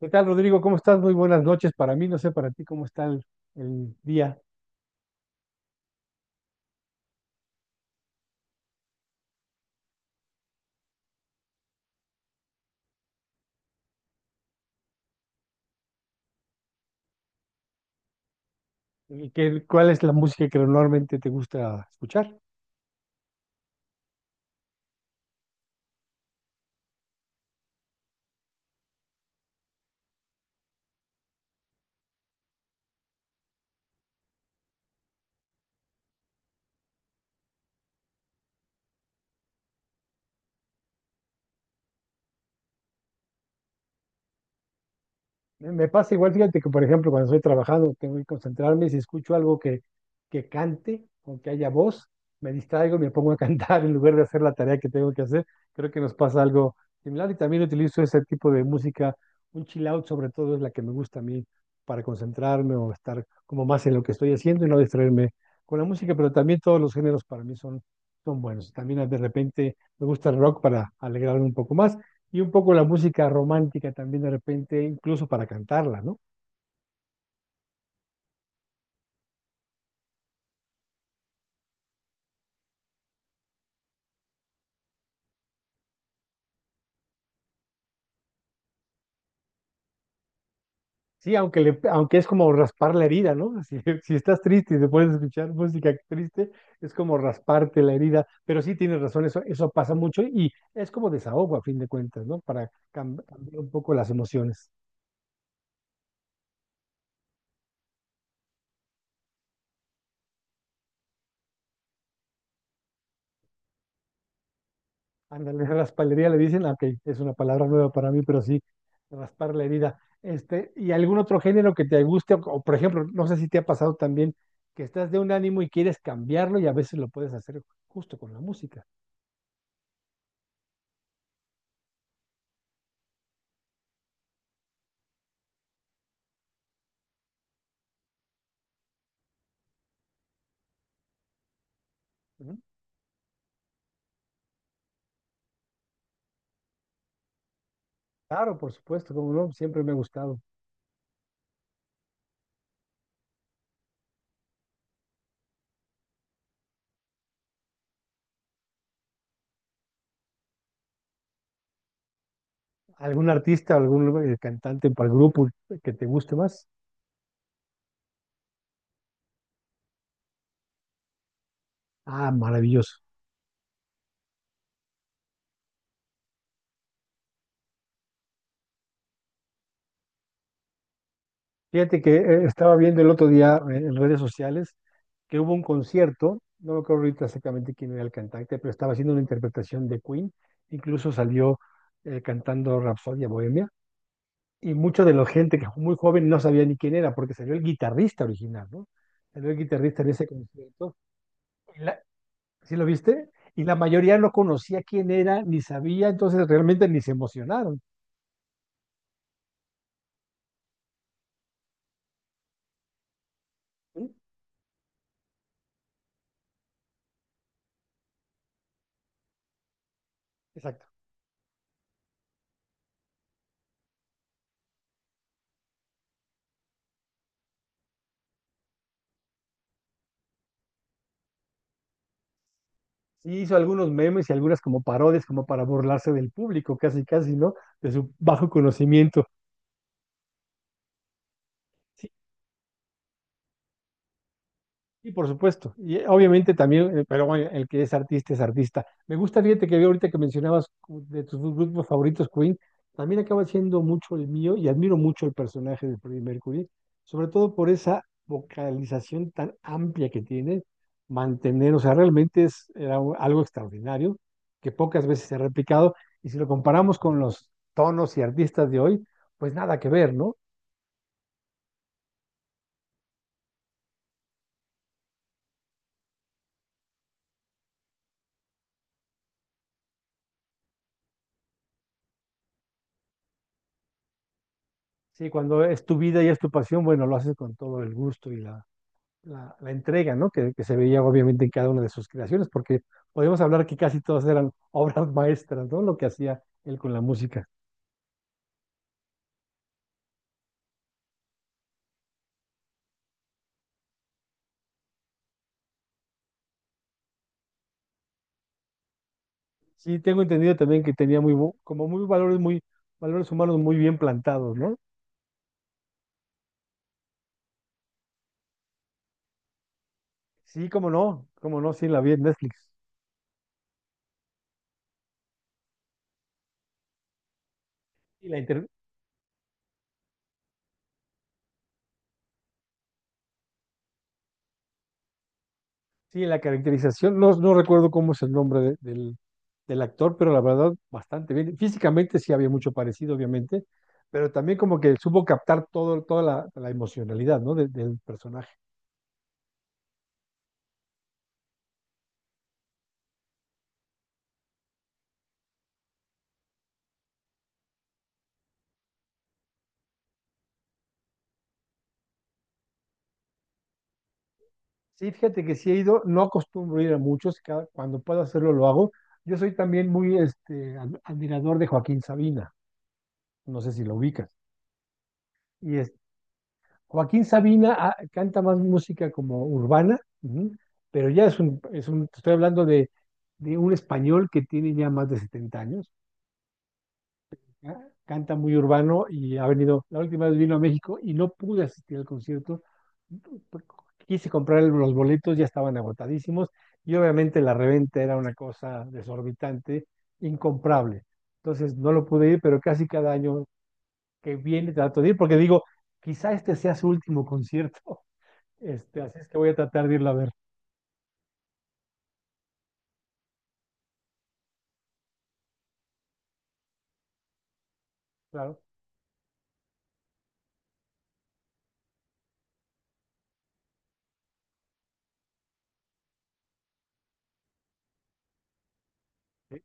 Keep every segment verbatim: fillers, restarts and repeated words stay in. ¿Qué tal, Rodrigo? ¿Cómo estás? Muy buenas noches para mí. No sé para ti cómo está el, el día. ¿Y qué- cuál es la música que normalmente te gusta escuchar? Me me pasa igual, fíjate que, por ejemplo, cuando estoy trabajando, tengo que concentrarme, y si escucho algo que, que cante o que haya voz, me distraigo y me pongo a cantar en lugar de hacer la tarea que tengo que hacer. Creo que nos pasa algo similar y también utilizo ese tipo de música, un chill out sobre todo es la que me gusta a mí para concentrarme o estar como más en lo que estoy haciendo y no distraerme con la música, pero también todos los géneros para mí son, son buenos. También de repente me gusta el rock para alegrarme un poco más. Y un poco la música romántica también de repente, incluso para cantarla, ¿no? Sí, aunque, le, aunque es como raspar la herida, ¿no? Si, si estás triste y te puedes escuchar música triste, es como rasparte la herida. Pero sí tienes razón, eso, eso pasa mucho y es como desahogo a fin de cuentas, ¿no? Para cam- cambiar un poco las emociones. Ándale, raspalería le dicen, ah, ok, es una palabra nueva para mí, pero sí, raspar la herida. Este, ¿y algún otro género que te guste? O, o, por ejemplo, no sé si te ha pasado también que estás de un ánimo y quieres cambiarlo y a veces lo puedes hacer justo con la música, ¿no? Claro, por supuesto, como no, siempre me ha gustado. ¿Algún artista, algún eh, cantante para el grupo que te guste más? Ah, maravilloso. Fíjate que eh, estaba viendo el otro día eh, en redes sociales que hubo un concierto, no me acuerdo ahorita exactamente quién era el cantante, pero estaba haciendo una interpretación de Queen, incluso salió eh, cantando Rapsodia Bohemia, y mucha de la gente que muy joven no sabía ni quién era, porque salió el guitarrista original, ¿no? Salió el guitarrista en ese concierto, y la- ¿sí lo viste? Y la mayoría no conocía quién era, ni sabía, entonces realmente ni se emocionaron. ¿Sí? Sí, hizo algunos memes y algunas como parodias, como para burlarse del público, casi, casi, ¿no? De su bajo conocimiento. Sí, y por supuesto, y eh, obviamente también, eh, pero bueno, el que es artista es artista. Me gusta, fíjate que vi ahorita que mencionabas cu- de tus grupos favoritos, Queen, también acaba siendo mucho el mío y admiro mucho el personaje de Freddie Mercury, sobre todo por esa vocalización tan amplia que tiene, mantener, o sea, realmente es era u- algo extraordinario que pocas veces se ha replicado y si lo comparamos con los tonos y artistas de hoy, pues nada que ver, ¿no? Sí, cuando es tu vida y es tu pasión, bueno, lo haces con todo el gusto y la la, la entrega, ¿no? Que, que se veía obviamente en cada una de sus creaciones, porque podemos hablar que casi todas eran obras maestras, ¿no? Lo que hacía él con la música. Sí, tengo entendido también que tenía muy, bu- como muy valores, muy, valores humanos muy bien plantados, ¿no? Sí, cómo no, cómo no, sí, la vi en Netflix. Y la inter- sí, la caracterización, no, no recuerdo cómo es el nombre de- del, del actor, pero la verdad, bastante bien. Físicamente sí había mucho parecido, obviamente, pero también como que supo captar todo, toda la, la emocionalidad, ¿no? De- del personaje. Sí, fíjate que sí he ido, no acostumbro ir a muchos, cada- cuando puedo hacerlo lo hago. Yo soy también muy este, ad- admirador de Joaquín Sabina, no sé si lo ubicas. Y es, Joaquín Sabina ah, canta más música como urbana, ujú, pero ya es un, es un, te estoy hablando de, de un español que tiene ya más de setenta años, ca- canta muy urbano y ha venido, la última vez vino a México y no pude asistir al concierto. Quise comprar los boletos, ya estaban agotadísimos y obviamente la reventa era una cosa desorbitante, incomprable. Entonces no lo pude ir, pero casi cada año que viene trato de ir porque digo, quizá este sea su último concierto. Este, así es que voy a tratar de irlo a ver. Claro. Sí.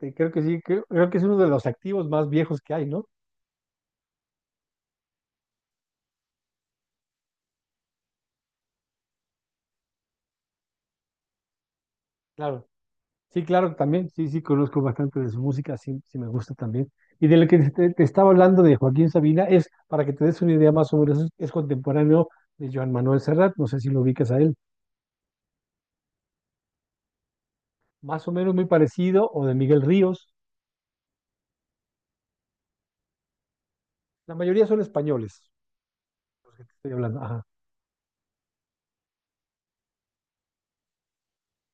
Sí, creo que sí, creo creo que es uno de los activos más viejos que hay, ¿no? Claro. Sí, claro, también, sí, sí, conozco bastante de su música, sí, sí me gusta también. Y de lo que te, te estaba hablando de Joaquín Sabina es, para que te des una idea más o menos, es, es contemporáneo de Joan Manuel Serrat, no sé si lo ubicas a él, más o menos muy parecido, o de Miguel Ríos, la mayoría son españoles, los que te estoy hablando, ajá.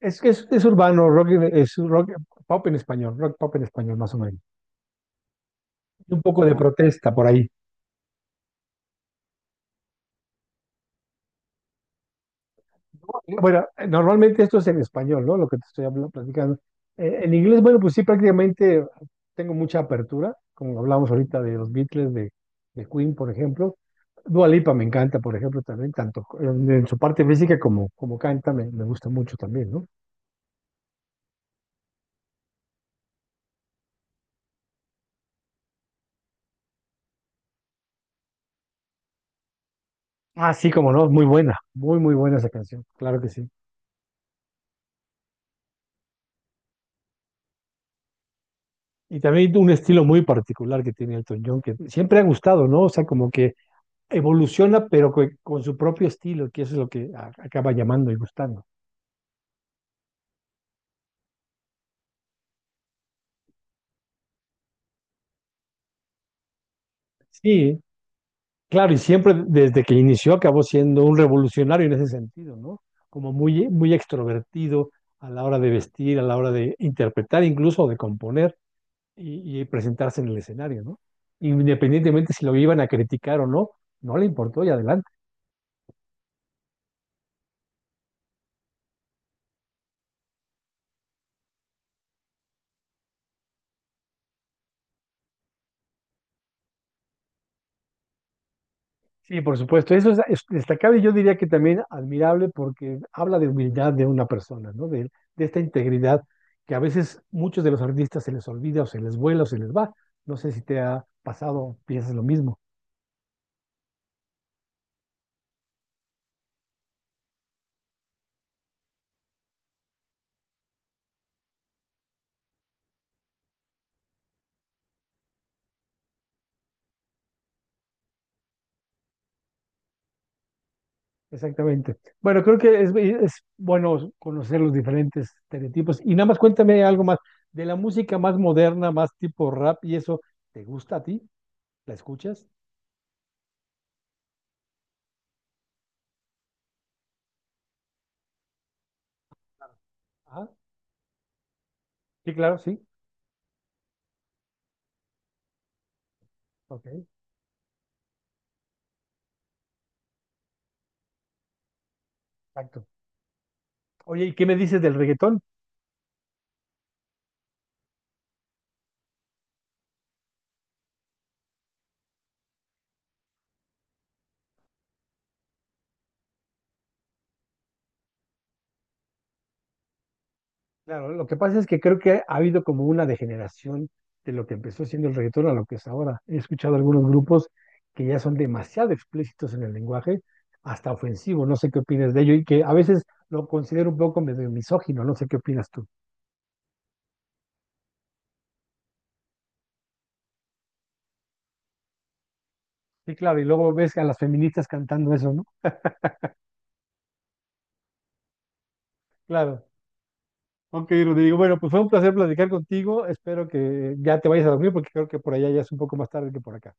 Es que es, es urbano, rock, en- es rock, pop en español, rock pop en español, más o menos. Y un poco de protesta por ahí. Bueno, normalmente esto es en español, ¿no? Lo que te estoy hablando, platicando. Eh, en inglés, bueno, pues sí, prácticamente tengo mucha apertura, como hablamos ahorita de los Beatles, de, de Queen, por ejemplo. Dua Lipa me encanta, por ejemplo, también, tanto en, en su parte física como, como canta, me, me gusta mucho también, ¿no? Ah, sí, como no, es muy buena, muy, muy buena esa canción, claro que sí. Y también un estilo muy particular que tiene Elton John, que siempre ha gustado, ¿no? O sea, como que evoluciona, pero co- con, su propio estilo, que eso es lo que a- acaba llamando y gustando. Sí, claro, y siempre desde que inició acabó siendo un revolucionario en ese sentido, ¿no? Como muy, muy extrovertido a la hora de vestir, a la hora de interpretar, incluso de componer y, y presentarse en el escenario, ¿no? Independientemente si lo iban a criticar o no, no le importó y adelante. Sí, por supuesto. Eso es es destacable y yo diría que también admirable porque habla de humildad de una persona, ¿no? De, de esta integridad que a veces muchos de los artistas se les olvida o se les vuela o se les va. No sé si te ha pasado o piensas lo mismo. Exactamente. Bueno, creo que es, eh, es bueno conocer los diferentes estereotipos. Y nada más cuéntame algo más de la música más moderna, más tipo rap y eso. ¿Te gusta a ti? ¿La escuchas? Ah, sí, claro, sí. Ok, exacto. Oye, ¿y qué me dices del reggaetón? Claro, lo que pasa es que creo que ha habido como una degeneración de lo que empezó siendo el reggaetón a lo que es ahora. He escuchado algunos grupos que ya son demasiado explícitos en el lenguaje, hasta ofensivo, no sé qué opinas de ello, y que a veces lo considero un poco medio misógino, no sé qué opinas tú. Sí, claro, y luego ves a las feministas cantando eso, ¿no? Claro. Ok, Rodrigo, bueno, pues fue un placer platicar contigo, espero que ya te vayas a dormir porque creo que por allá ya es un poco más tarde que por acá.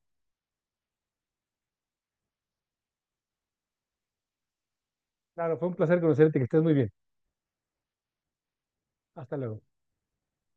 Claro, fue un placer conocerte, que estés muy bien. Hasta luego.